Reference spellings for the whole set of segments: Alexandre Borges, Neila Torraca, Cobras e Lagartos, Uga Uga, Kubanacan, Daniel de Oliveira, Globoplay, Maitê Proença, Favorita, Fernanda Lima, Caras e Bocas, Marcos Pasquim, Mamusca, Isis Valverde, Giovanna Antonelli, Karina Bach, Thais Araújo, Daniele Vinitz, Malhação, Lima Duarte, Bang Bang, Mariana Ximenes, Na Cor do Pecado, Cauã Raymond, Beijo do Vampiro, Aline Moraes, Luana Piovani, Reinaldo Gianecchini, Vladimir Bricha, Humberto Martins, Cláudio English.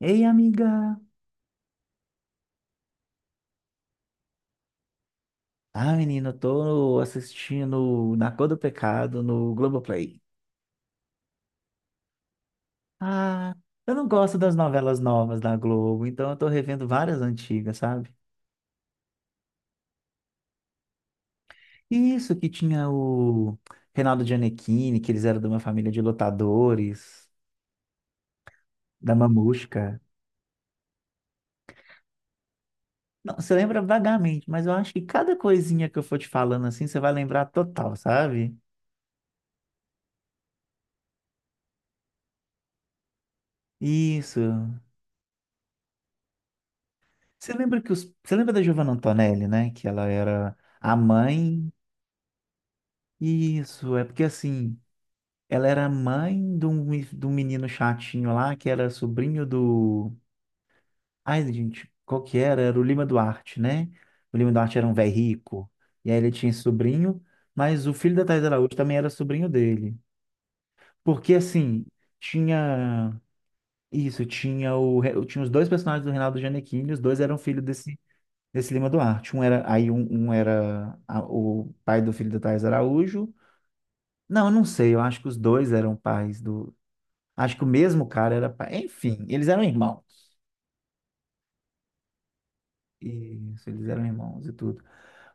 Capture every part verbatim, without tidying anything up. Ei, amiga! Ah, menina, eu tô assistindo Na Cor do Pecado no Globoplay. Ah, eu não gosto das novelas novas da Globo, então eu tô revendo várias antigas, sabe? Isso que tinha o Reinaldo Gianecchini, que eles eram de uma família de lutadores, da Mamusca. Não, você lembra vagamente, mas eu acho que cada coisinha que eu for te falando assim, você vai lembrar total, sabe? Isso. Você lembra que os... Você lembra da Giovanna Antonelli, né? Que ela era a mãe. Isso, é porque assim, ela era mãe de um, me- de um menino chatinho lá, que era sobrinho do. Ai, gente, qual que era? Era o Lima Duarte, né? O Lima Duarte era um velho rico. E aí ele tinha esse sobrinho, mas o filho da Thais Araújo também era sobrinho dele. Porque assim, tinha. Isso, tinha o Re- tinha os dois personagens do Reinaldo Gianecchini, os dois eram filhos desse, desse Lima Duarte. Um era, aí um, um era a- o pai do filho da Thais Araújo. Não, eu não sei. Eu acho que os dois eram pais do. Acho que o mesmo cara era. pa- Enfim, eles eram irmãos. Isso, eles eram irmãos e tudo.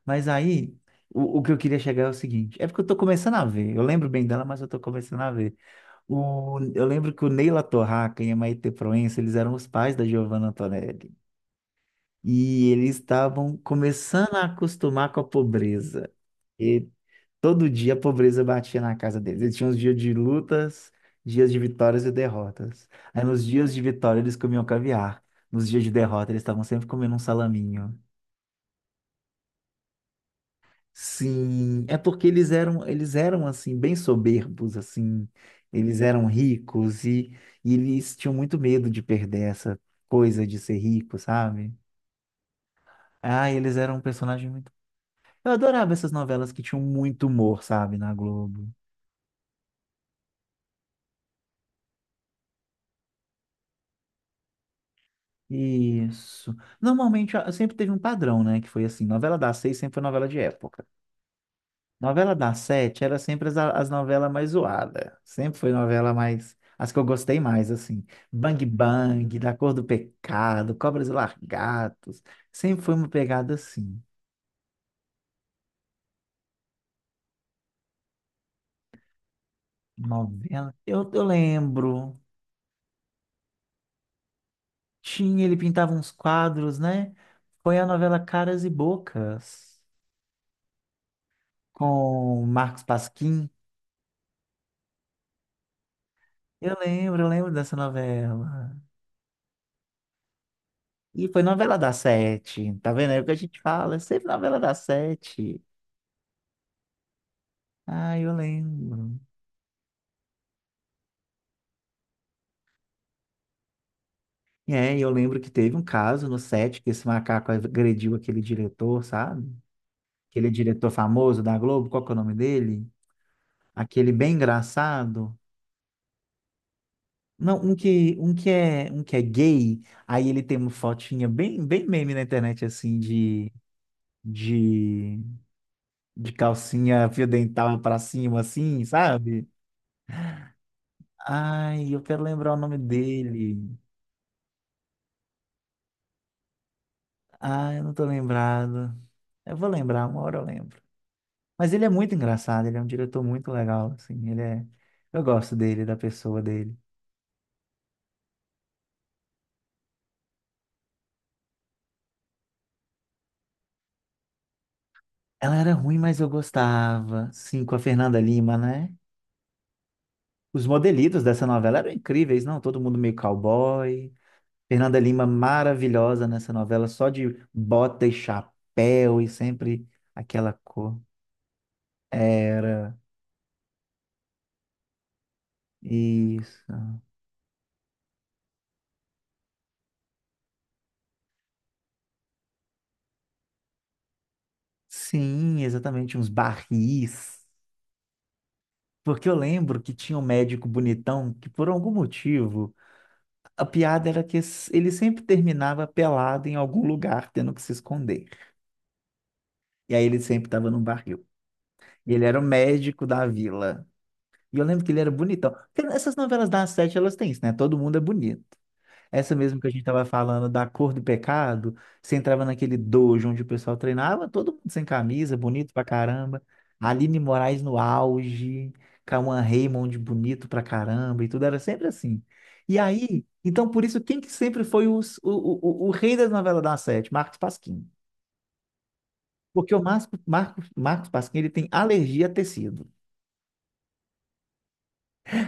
Mas aí, o, o que eu queria chegar é o seguinte: é porque eu tô começando a ver. Eu lembro bem dela, mas eu tô começando a ver. O, eu lembro que o Neila Torraca e a Maitê Proença, eles eram os pais da Giovanna Antonelli. E eles estavam começando a acostumar com a pobreza. Todo dia a pobreza batia na casa deles. Eles tinham os dias de lutas, dias de vitórias e derrotas. Aí nos dias de vitória eles comiam caviar. Nos dias de derrota eles estavam sempre comendo um salaminho. Sim, é porque eles eram, eles eram assim bem soberbos assim. Eles eram ricos e, e eles tinham muito medo de perder essa coisa de ser rico, sabe? Ah, eles eram um personagem muito. Eu adorava essas novelas que tinham muito humor, sabe, na Globo. Isso. Normalmente a- sempre teve um padrão, né? Que foi assim, novela das seis sempre foi novela de época. Novela das sete era sempre as, as novelas mais zoadas. Sempre foi novela mais. As que eu gostei mais, assim. Bang Bang, Da Cor do Pecado, Cobras e Lagartos. Sempre foi uma pegada assim. Novela. Eu, eu lembro. Tinha, ele pintava uns quadros, né? Foi a novela Caras e Bocas, com Marcos Pasquim. Eu lembro, eu lembro dessa novela. E foi novela das sete, tá vendo? É o que a gente fala, é sempre novela das sete. Ah, eu lembro. É, e eu lembro que teve um caso no set que esse macaco agrediu aquele diretor, sabe? Aquele diretor famoso da Globo, qual que é o nome dele? Aquele bem engraçado. Não, um que, um que é, um que é gay, aí ele tem uma fotinha bem, bem meme na internet, assim, de, de, de calcinha fio dental pra cima, assim, sabe? Ai, eu quero lembrar o nome dele. Ah, eu não tô lembrado. Eu vou lembrar, uma hora eu lembro. Mas ele é muito engraçado, ele é um diretor muito legal, assim, ele é. Eu gosto dele, da pessoa dele. Ela era ruim, mas eu gostava. Sim, com a Fernanda Lima, né? Os modelitos dessa novela eram incríveis, não? Todo mundo meio cowboy. Fernanda Lima maravilhosa nessa novela, só de bota e chapéu e sempre aquela cor. Era isso. Sim, exatamente, uns barris. Porque eu lembro que tinha um médico bonitão que, por algum motivo, a piada era que s- ele sempre terminava pelado em algum lugar, tendo que se esconder. E aí ele sempre estava num barril. E ele era o médico da vila. E eu lembro que ele era bonitão. Porque essas novelas das sete, elas têm isso, né? Todo mundo é bonito. Essa mesmo que a gente estava falando da Cor do Pecado, você entrava naquele dojo onde o pessoal treinava, todo mundo sem camisa, bonito pra caramba. Aline Moraes no auge, Cauã Raymond bonito pra caramba, e tudo era sempre assim. E aí, então por isso, quem que sempre foi os- o, o, o, o rei das novelas da Sete? Marcos Pasquim. Porque o Marcos, Marcos, Marcos Pasquim ele tem alergia a tecido.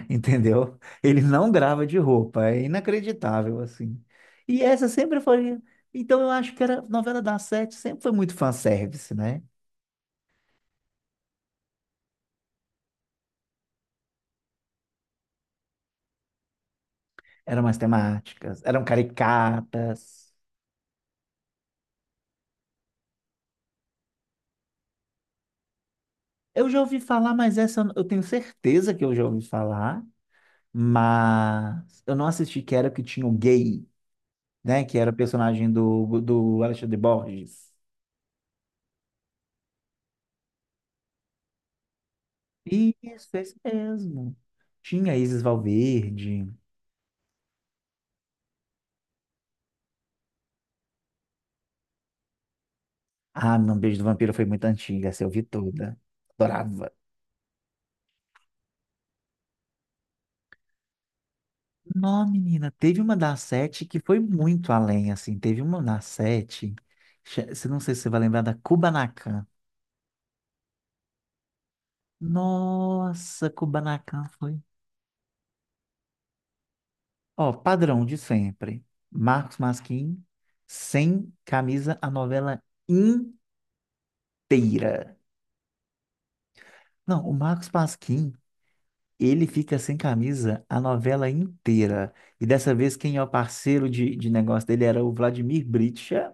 Entendeu? Ele não grava de roupa, é inacreditável, assim. E essa sempre foi. Então eu acho que era novela das sete, sempre foi muito fanservice, né? Eram umas temáticas, eram caricatas. Eu já ouvi falar, mas essa eu eu tenho certeza que eu já ouvi falar, mas eu não assisti, que era o que tinha o gay, né? Que era o personagem do, do Alexandre Borges. Isso, esse mesmo. Tinha Isis Valverde. Ah, não, Beijo do Vampiro foi muito antiga, essa eu vi toda. Adorava. Não, menina, teve uma da sete que foi muito além, assim. Teve uma da sete, che- se- não sei se você vai lembrar da Kubanacan. Nossa, Kubanacan foi. Ó, padrão de sempre. Marcos Pasquim, sem camisa, a novela inteira. Não, o Marcos Pasquim. Ele fica sem camisa a novela inteira. E dessa vez, quem é o parceiro de, de negócio dele era o Vladimir Bricha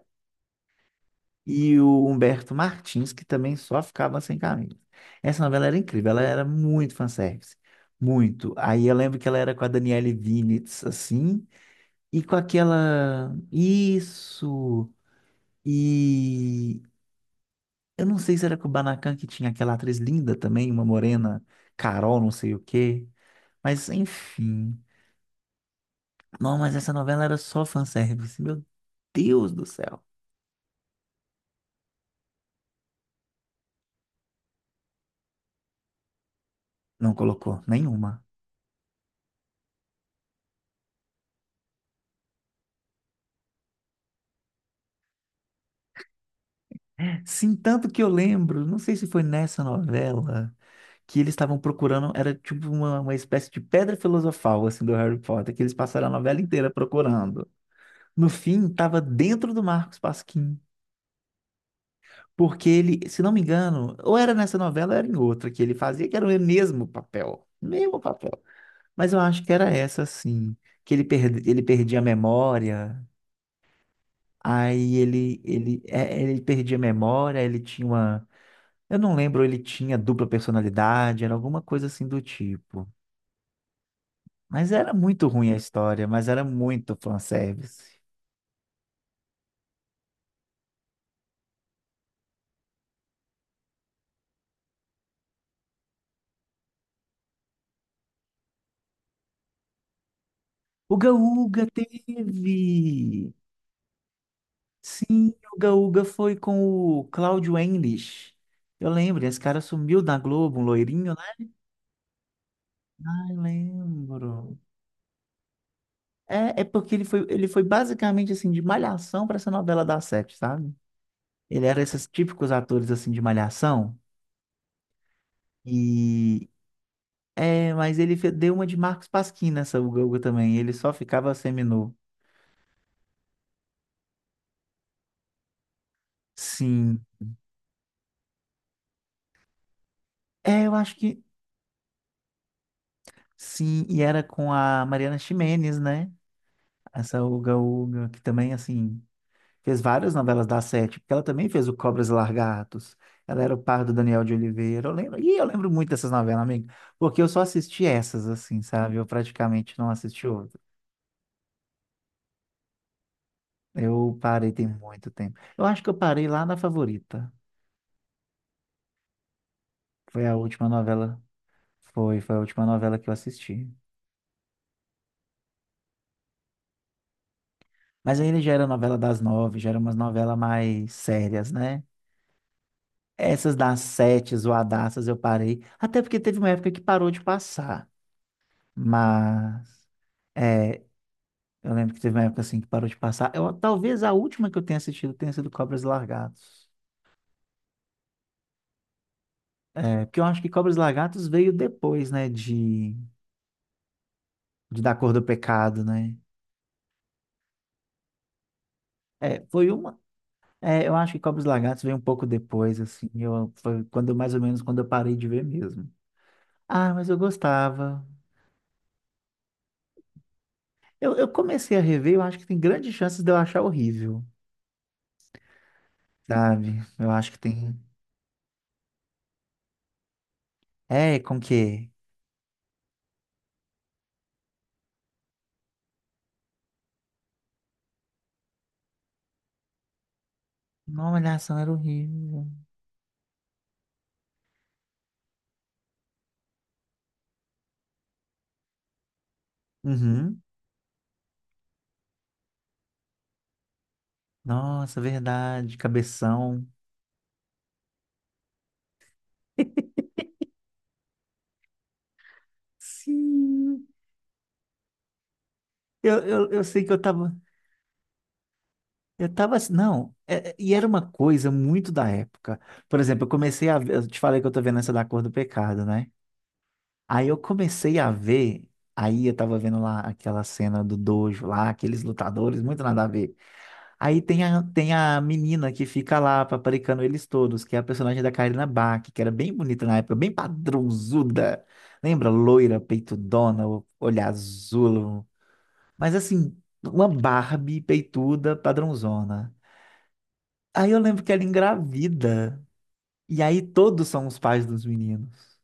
e o Humberto Martins, que também só ficavam sem camisa. Essa novela era incrível, ela era muito fanservice. Muito. Aí eu lembro que ela era com a Daniele Vinitz, assim, e com aquela. Isso! E eu não sei se era com o Kubanacan que tinha aquela atriz linda também, uma morena, Carol, não sei o quê. Mas enfim. Não, mas essa novela era só fanservice. Meu Deus do céu. Não colocou nenhuma. Sim, tanto que eu lembro, não sei se foi nessa novela, que eles estavam procurando, era tipo uma, uma espécie de pedra filosofal, assim, do Harry Potter, que eles passaram a novela inteira procurando. No fim, estava dentro do Marcos Pasquim, porque ele, se não me engano, ou era nessa novela ou era em outra que ele fazia, que era o mesmo papel, mesmo papel. Mas eu acho que era essa, assim, que ele, perde, ele perdia a memória. Aí ele, ele, é, ele perdia a memória, ele tinha uma. Eu não lembro, ele tinha dupla personalidade, era alguma coisa assim do tipo. Mas era muito ruim a história, mas era muito fanservice. Uga Uga teve! Sim, Uga Uga foi com o Cláudio English. Eu lembro, esse cara sumiu da Globo, um loirinho, né? Ah, eu lembro. É, é porque ele foi, ele foi basicamente assim, de malhação para essa novela da sete, sabe? Ele era esses típicos atores assim de malhação. E é, mas ele fe- deu uma de Marcos Pasquim nessa Uga-Uga também. Ele só ficava seminu. Sim. É, eu acho que sim. E era com a Mariana Ximenes, né? Essa Uga-Uga, que também, assim, fez várias novelas da Sete, porque ela também fez o Cobras e Largatos. Ela era o par do Daniel de Oliveira. Eu lembro, e eu lembro muito dessas novelas, amigo, porque eu só assisti essas, assim, sabe? Eu praticamente não assisti outras. Eu parei tem muito tempo. Eu acho que eu parei lá na Favorita. Foi a última novela. Foi, foi a última novela que eu assisti. Mas ainda já era novela das nove, já era umas novelas mais sérias, né? Essas das sete, zoadaças, eu parei. Até porque teve uma época que parou de passar. Mas, é, eu lembro que teve uma época assim que parou de passar. Eu, talvez a última que eu tenha assistido tenha sido Cobras e Lagartos. É, porque eu acho que Cobras e Lagartos veio depois, né, de, de Da Cor do Pecado, né? É, foi uma É, eu acho que Cobros e Lagartos veio um pouco depois, assim. Eu, foi quando, eu- mais ou menos quando eu parei de ver mesmo. Ah, mas eu gostava. Eu, eu comecei a rever, eu acho que tem grandes chances de eu achar horrível, sabe? Eu acho que tem. É, com que? Não, Malhação era horrível. Uhum. Nossa, verdade, cabeção. Sim. Eu, eu, eu sei que eu tava. Eu tava assim, não, é- é- e era uma coisa muito da época. Por exemplo, eu comecei a ver, eu te falei que eu tô vendo essa da Cor do Pecado, né? Aí eu comecei a ver, aí eu tava vendo lá aquela cena do dojo lá, aqueles lutadores, muito nada a ver. Aí tem a, tem a menina que fica lá paparicando eles todos, que é a personagem da Karina Bach, que era bem bonita na época, bem padrãozuda. Lembra? Loira, peitudona, o- olhar azul. Mas assim, uma Barbie peituda, padrãozona. Aí eu lembro que ela engravida. E aí todos são os pais dos meninos.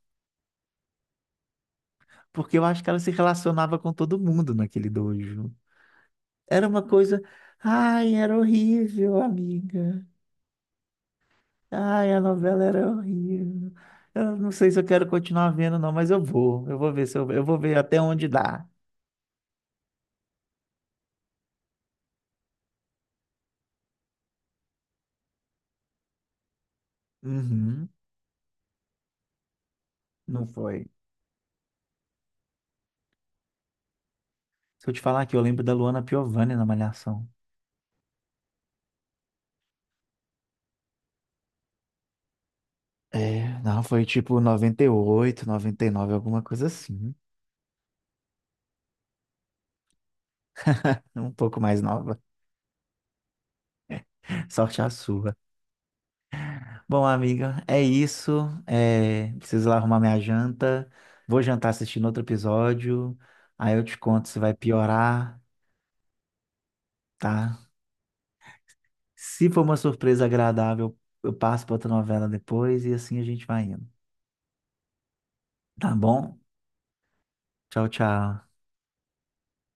Porque eu acho que ela se relacionava com todo mundo naquele dojo. Era uma coisa. Ai, era horrível, amiga. Ai, a novela era horrível. Eu não sei se eu quero continuar vendo, não, mas eu vou. Eu vou ver se eu, eu vou ver até onde dá. Uhum, não foi. Se eu te falar que eu lembro da Luana Piovani na Malhação. É, não, foi tipo noventa e oito, noventa e nove, alguma coisa assim. Um pouco mais nova. Sorte a sua. Bom, amiga, é isso. É, preciso lá arrumar minha janta. Vou jantar assistindo outro episódio. Aí eu te conto se vai piorar, tá? Se for uma surpresa agradável, eu passo para outra novela depois e assim a gente vai indo. Tá bom? Tchau, tchau.